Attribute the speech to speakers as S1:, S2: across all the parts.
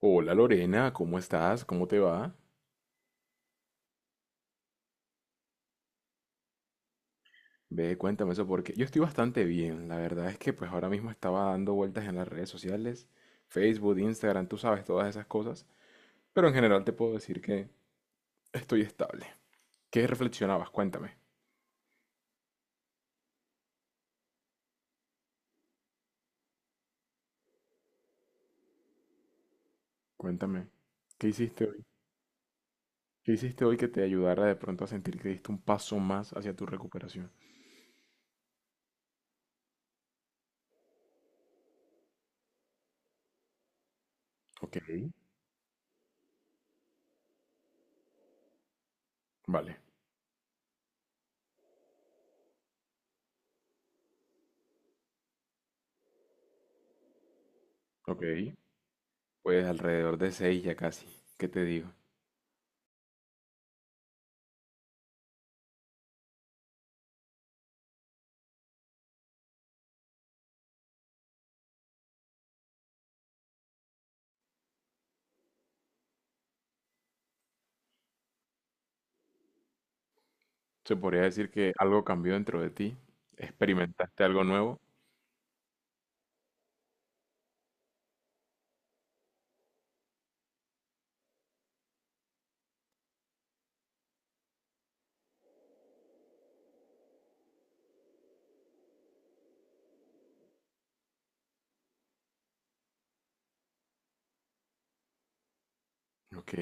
S1: Hola Lorena, ¿cómo estás? ¿Cómo te va? Ve, cuéntame eso porque yo estoy bastante bien. La verdad es que pues ahora mismo estaba dando vueltas en las redes sociales, Facebook, Instagram, tú sabes todas esas cosas, pero en general te puedo decir que estoy estable. ¿Qué reflexionabas? Cuéntame, cuéntame. ¿Qué hiciste hoy? ¿Qué hiciste hoy que te ayudara de pronto a sentir que diste un paso más hacia tu recuperación? Ok, vale, ok. Pues alrededor de seis ya casi. ¿Qué te digo? Se podría decir que algo cambió dentro de ti, experimentaste algo nuevo. Ok,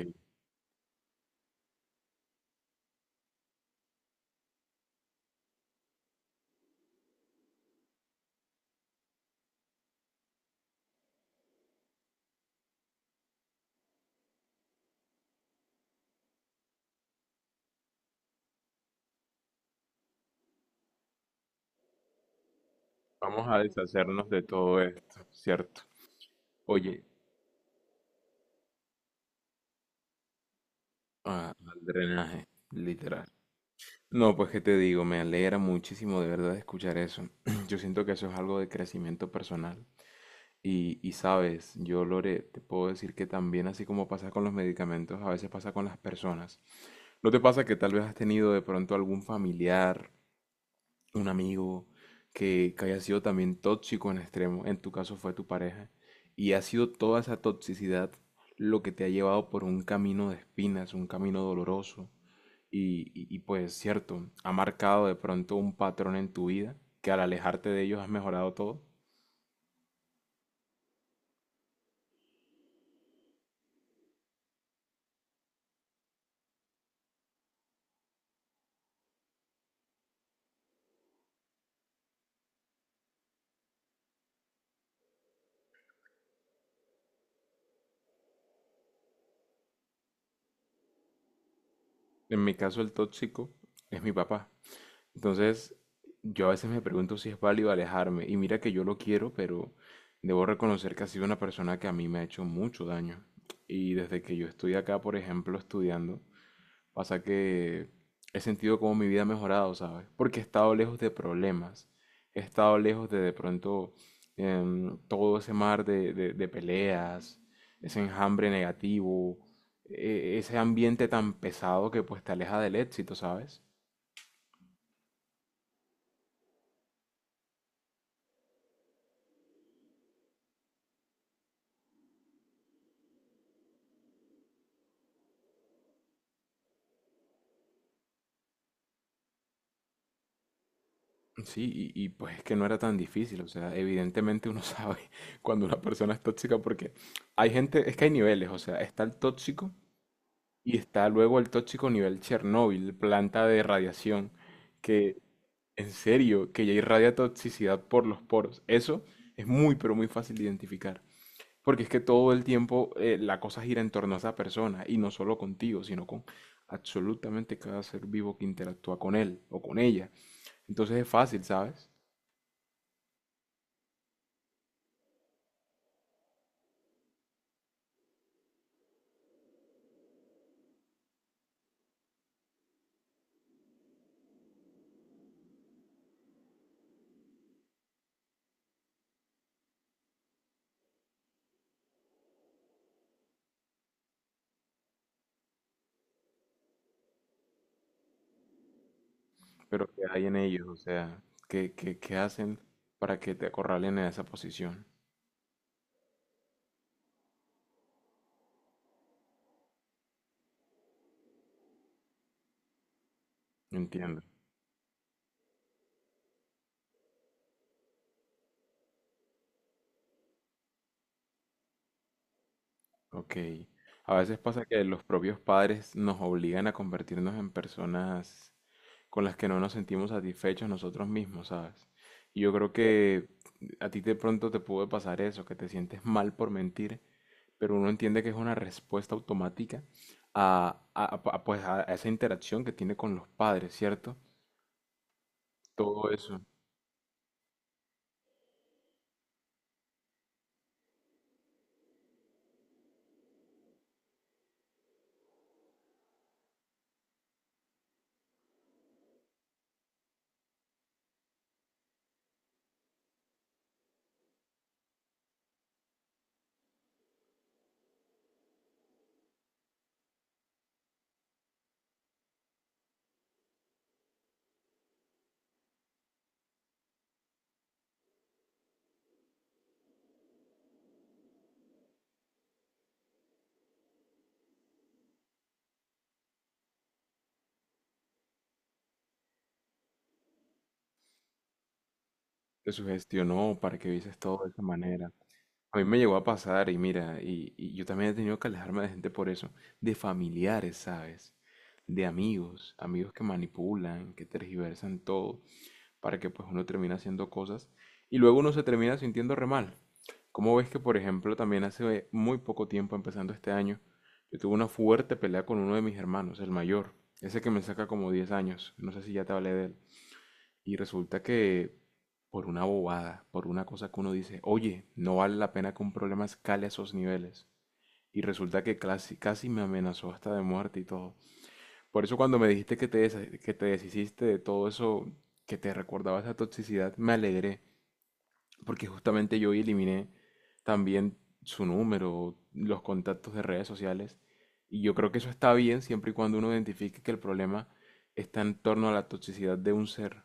S1: vamos a deshacernos de todo esto, ¿cierto? Oye, ah, al drenaje, literal. No, pues qué te digo, me alegra muchísimo de verdad escuchar eso. Yo siento que eso es algo de crecimiento personal. Y sabes, yo Lore, te puedo decir que también así como pasa con los medicamentos, a veces pasa con las personas. ¿No te pasa que tal vez has tenido de pronto algún familiar, un amigo que haya sido también tóxico en extremo? En tu caso fue tu pareja, y ha sido toda esa toxicidad lo que te ha llevado por un camino de espinas, un camino doloroso, y pues cierto, ha marcado de pronto un patrón en tu vida que al alejarte de ellos has mejorado todo. En mi caso el tóxico es mi papá. Entonces, yo a veces me pregunto si es válido alejarme. Y mira que yo lo quiero, pero debo reconocer que ha sido una persona que a mí me ha hecho mucho daño. Y desde que yo estoy acá, por ejemplo, estudiando, pasa que he sentido como mi vida ha mejorado, ¿sabes? Porque he estado lejos de problemas. He estado lejos de todo ese mar de peleas, ese enjambre negativo, ese ambiente tan pesado que pues te aleja del éxito, ¿sabes? Sí, y pues es que no era tan difícil, o sea, evidentemente uno sabe cuando una persona es tóxica porque hay gente, es que hay niveles, o sea, está el tóxico y está luego el tóxico nivel Chernóbil, planta de radiación, que en serio, que ya irradia toxicidad por los poros. Eso es muy, pero muy fácil de identificar, porque es que todo el tiempo la cosa gira en torno a esa persona y no solo contigo, sino con absolutamente cada ser vivo que interactúa con él o con ella. Entonces es fácil, ¿sabes? Pero ¿qué hay en ellos? O sea, ¿qué hacen para que te acorralen en esa posición? Entiendo. Ok. A veces pasa que los propios padres nos obligan a convertirnos en personas con las que no nos sentimos satisfechos nosotros mismos, ¿sabes? Y yo creo que a ti de pronto te puede pasar eso, que te sientes mal por mentir, pero uno entiende que es una respuesta automática a, a- pues, a esa interacción que tiene con los padres, ¿cierto? Todo eso. Te sugestionó para que vieses todo de esa manera. A mí me llegó a pasar y mira, y yo también he tenido que alejarme de gente por eso, de familiares, ¿sabes? De amigos, amigos que manipulan, que tergiversan todo, para que pues uno termine haciendo cosas y luego uno se termina sintiendo re mal. ¿Cómo ves que, por ejemplo, también hace muy poco tiempo, empezando este año, yo tuve una fuerte pelea con uno de mis hermanos, el mayor, ese que me saca como 10 años, no sé si ya te hablé de él? Y resulta que por una bobada, por una cosa que uno dice, oye, no vale la pena que un problema escale a esos niveles. Y resulta que casi, casi me amenazó hasta de muerte y todo. Por eso cuando me dijiste que te, que te deshiciste de todo eso, que te recordaba esa toxicidad, me alegré. Porque justamente yo eliminé también su número, los contactos de redes sociales. Y yo creo que eso está bien siempre y cuando uno identifique que el problema está en torno a la toxicidad de un ser.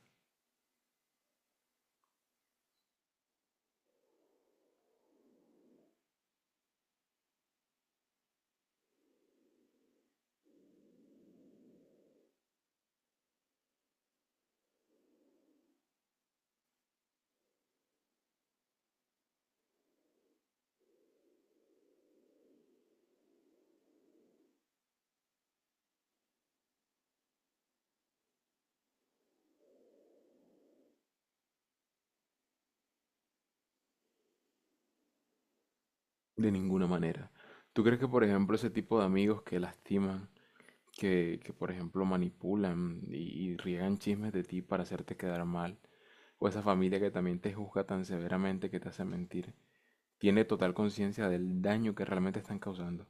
S1: De ninguna manera. ¿Tú crees que, por ejemplo, ese tipo de amigos que lastiman, por ejemplo, manipulan y riegan chismes de ti para hacerte quedar mal, o esa familia que también te juzga tan severamente que te hace mentir, tiene total conciencia del daño que realmente están causando?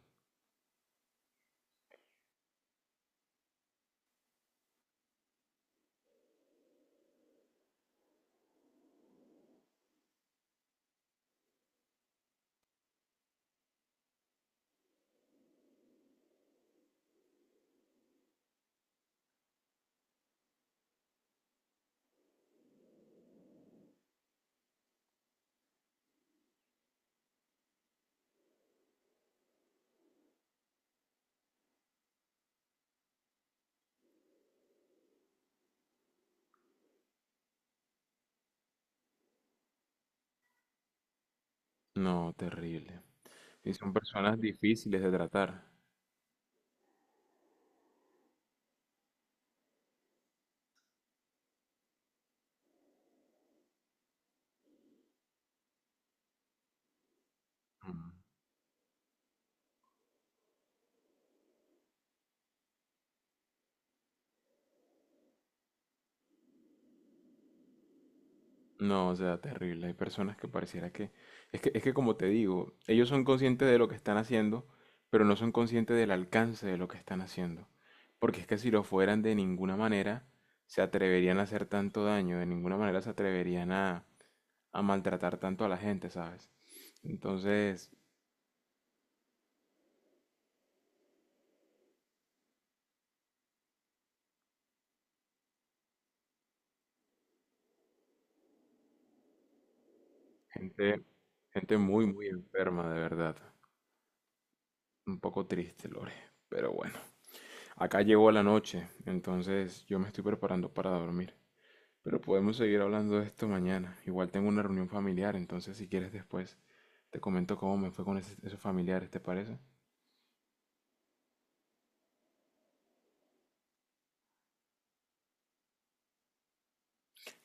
S1: No, terrible. Y son personas difíciles de tratar. Mm. No, o sea, terrible. Hay personas que pareciera que... Es que como te digo, ellos son conscientes de lo que están haciendo, pero no son conscientes del alcance de lo que están haciendo. Porque es que si lo fueran, de ninguna manera se atreverían a hacer tanto daño, de ninguna manera se atreverían a maltratar tanto a la gente, ¿sabes? Entonces, gente, gente muy, muy enferma, de verdad. Un poco triste, Lore. Pero bueno, acá llegó la noche, entonces yo me estoy preparando para dormir. Pero podemos seguir hablando de esto mañana. Igual tengo una reunión familiar, entonces si quieres después te comento cómo me fue con esos familiares, ¿te parece?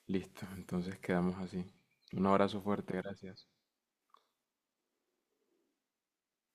S1: Listo, entonces quedamos así. Un abrazo fuerte, gracias.